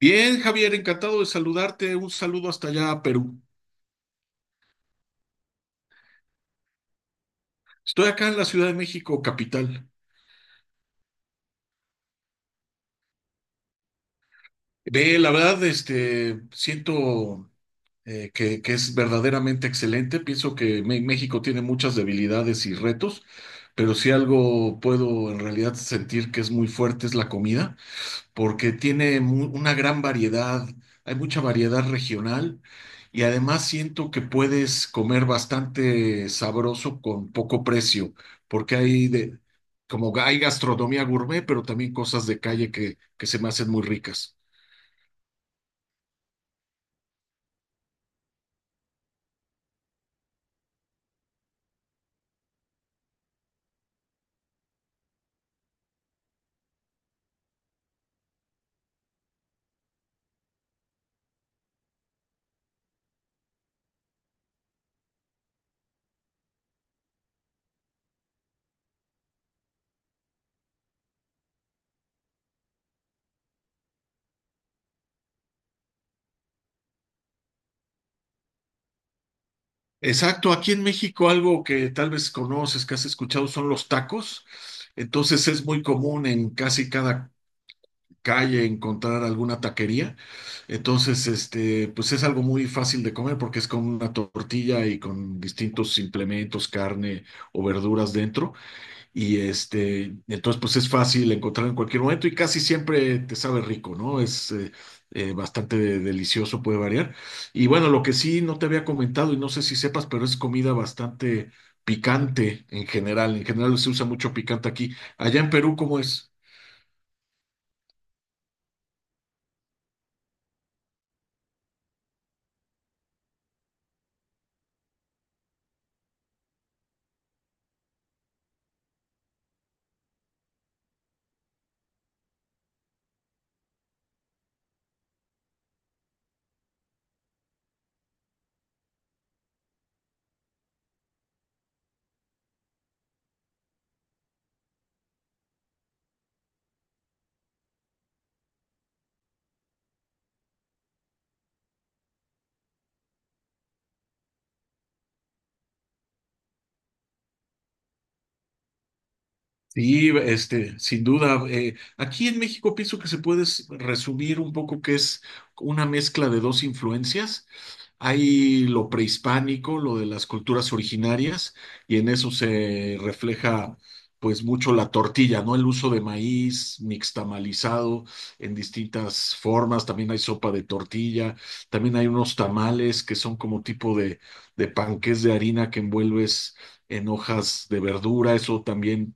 Bien, Javier, encantado de saludarte. Un saludo hasta allá a Perú. Estoy acá en la Ciudad de México, capital. Ve, la verdad, este, siento que es verdaderamente excelente. Pienso que México tiene muchas debilidades y retos, pero si algo puedo en realidad sentir que es muy fuerte es la comida. Porque tiene una gran variedad, hay mucha variedad regional y además siento que puedes comer bastante sabroso con poco precio, porque hay de, como hay gastronomía gourmet, pero también cosas de calle que se me hacen muy ricas. Exacto, aquí en México algo que tal vez conoces, que has escuchado son los tacos. Entonces es muy común en casi cada calle encontrar alguna taquería. Entonces, este, pues es algo muy fácil de comer porque es con una tortilla y con distintos implementos, carne o verduras dentro. Y este, entonces, pues es fácil encontrar en cualquier momento y casi siempre te sabe rico, ¿no? Es bastante delicioso, puede variar. Y bueno, lo que sí no te había comentado y no sé si sepas, pero es comida bastante picante en general. En general se usa mucho picante aquí. Allá en Perú, ¿cómo es? Sí, este, sin duda. Aquí en México pienso que se puede resumir un poco que es una mezcla de dos influencias. Hay lo prehispánico, lo de las culturas originarias, y en eso se refleja pues mucho la tortilla, ¿no? El uso de maíz mixtamalizado en distintas formas. También hay sopa de tortilla, también hay unos tamales que son como tipo de panqués de harina que envuelves en hojas de verdura. Eso también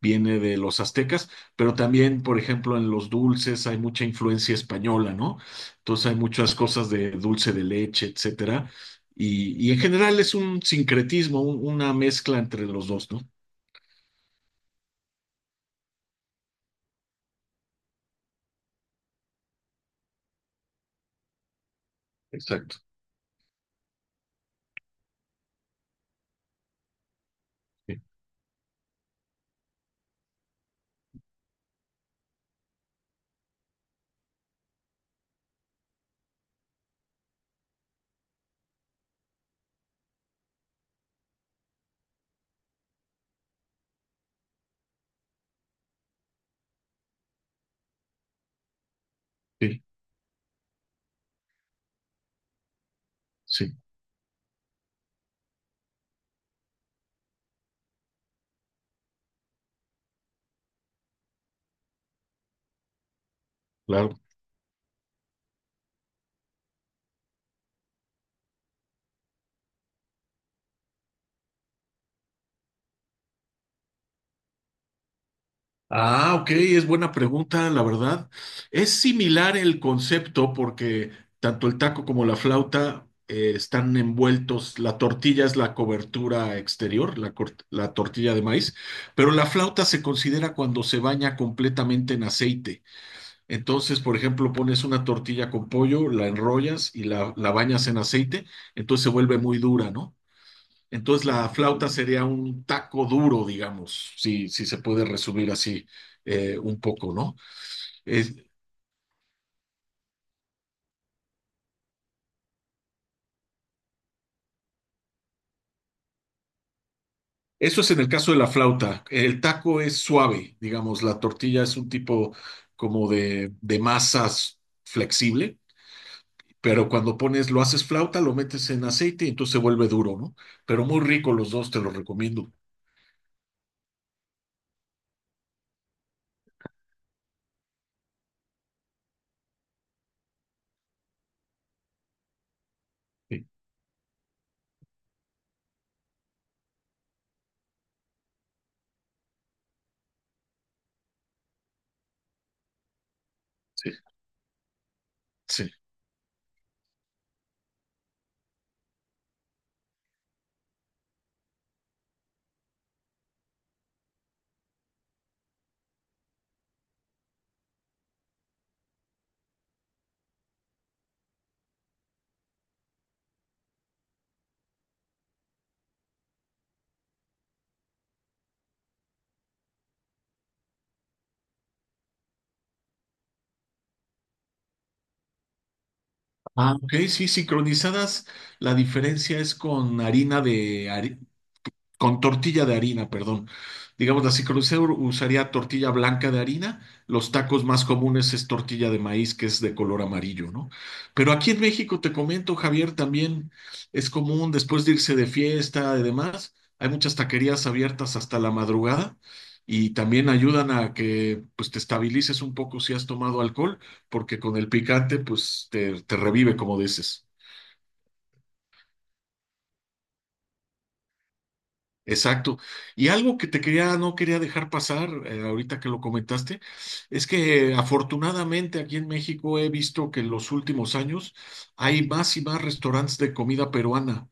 viene de los aztecas, pero también, por ejemplo, en los dulces hay mucha influencia española, ¿no? Entonces hay muchas cosas de dulce de leche, etcétera. Y en general es un sincretismo, una mezcla entre los dos, ¿no? Exacto. Sí, sí, sí, claro. Ah, ok, es buena pregunta, la verdad. Es similar el concepto porque tanto el taco como la flauta están envueltos, la tortilla es la cobertura exterior, la, la tortilla de maíz, pero la flauta se considera cuando se baña completamente en aceite. Entonces, por ejemplo, pones una tortilla con pollo, la enrollas y la bañas en aceite, entonces se vuelve muy dura, ¿no? Entonces la flauta sería un taco duro, digamos, si, si se puede resumir así un poco, ¿no? Es- Eso es en el caso de la flauta. El taco es suave, digamos, la tortilla es un tipo como de masas flexible, pero cuando pones, lo haces flauta, lo metes en aceite y entonces se vuelve duro, ¿no? Pero muy rico los dos, te los recomiendo. Sí, sí, sí. Ah, ok, sí, sincronizadas, la diferencia es con harina de, con tortilla de harina, perdón. Digamos así, crucero usaría tortilla blanca de harina. Los tacos más comunes es tortilla de maíz, que es de color amarillo, ¿no? Pero aquí en México, te comento, Javier, también es común después de irse de fiesta y demás. Hay muchas taquerías abiertas hasta la madrugada y también ayudan a que pues te estabilices un poco si has tomado alcohol, porque con el picante pues te revive, como dices. Exacto. Y algo que te quería, no quería dejar pasar, ahorita que lo comentaste, es que afortunadamente aquí en México he visto que en los últimos años hay más y más restaurantes de comida peruana.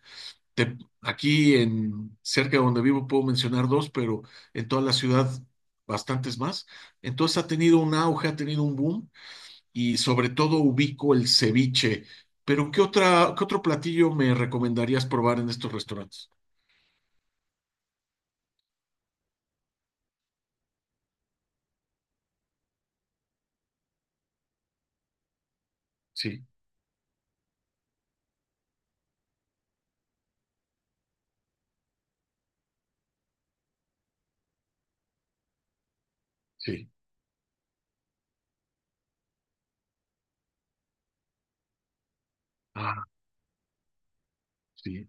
Te- Aquí en cerca de donde vivo puedo mencionar dos, pero en toda la ciudad bastantes más. Entonces ha tenido un auge, ha tenido un boom y sobre todo ubico el ceviche. Pero ¿qué otra, qué otro platillo me recomendarías probar en estos restaurantes? Sí, sí. Sí.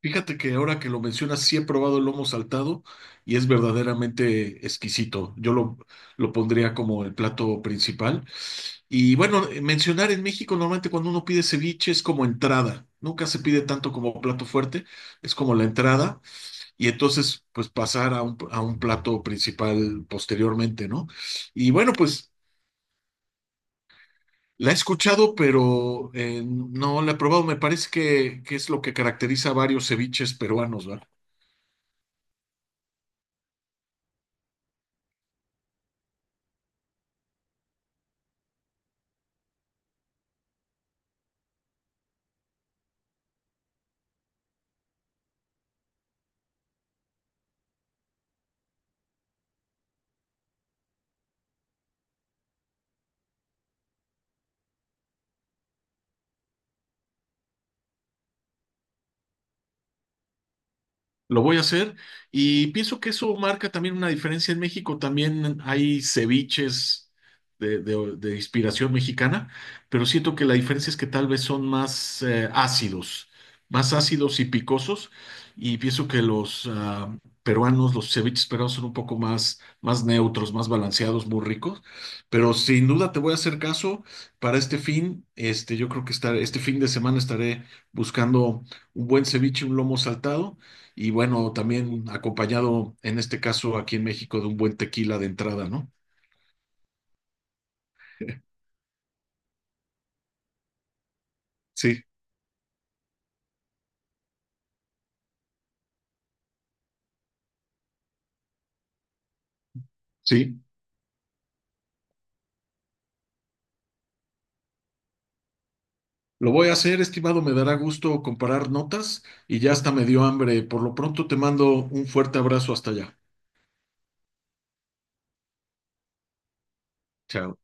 Fíjate que ahora que lo mencionas, sí he probado el lomo saltado y es verdaderamente exquisito. Lo pondría como el plato principal. Y bueno, mencionar en México normalmente cuando uno pide ceviche es como entrada. Nunca se pide tanto como plato fuerte, es como la entrada y entonces pues pasar a a un plato principal posteriormente, ¿no? Y bueno, pues la he escuchado, pero no la he probado. Me parece que es lo que caracteriza a varios ceviches peruanos, ¿verdad? Lo voy a hacer y pienso que eso marca también una diferencia en México. También hay ceviches de, de inspiración mexicana, pero siento que la diferencia es que tal vez son más ácidos, más ácidos y picosos. Y pienso que los peruanos, los ceviches peruanos son un poco más, más neutros, más balanceados, muy ricos. Pero sin duda te voy a hacer caso para este fin. Este, yo creo que estar, este fin de semana estaré buscando un buen ceviche, un lomo saltado y bueno, también acompañado en este caso aquí en México de un buen tequila de entrada, ¿no? Sí, sí. Lo voy a hacer, estimado, me dará gusto comparar notas y ya hasta me dio hambre. Por lo pronto te mando un fuerte abrazo hasta allá. Chao.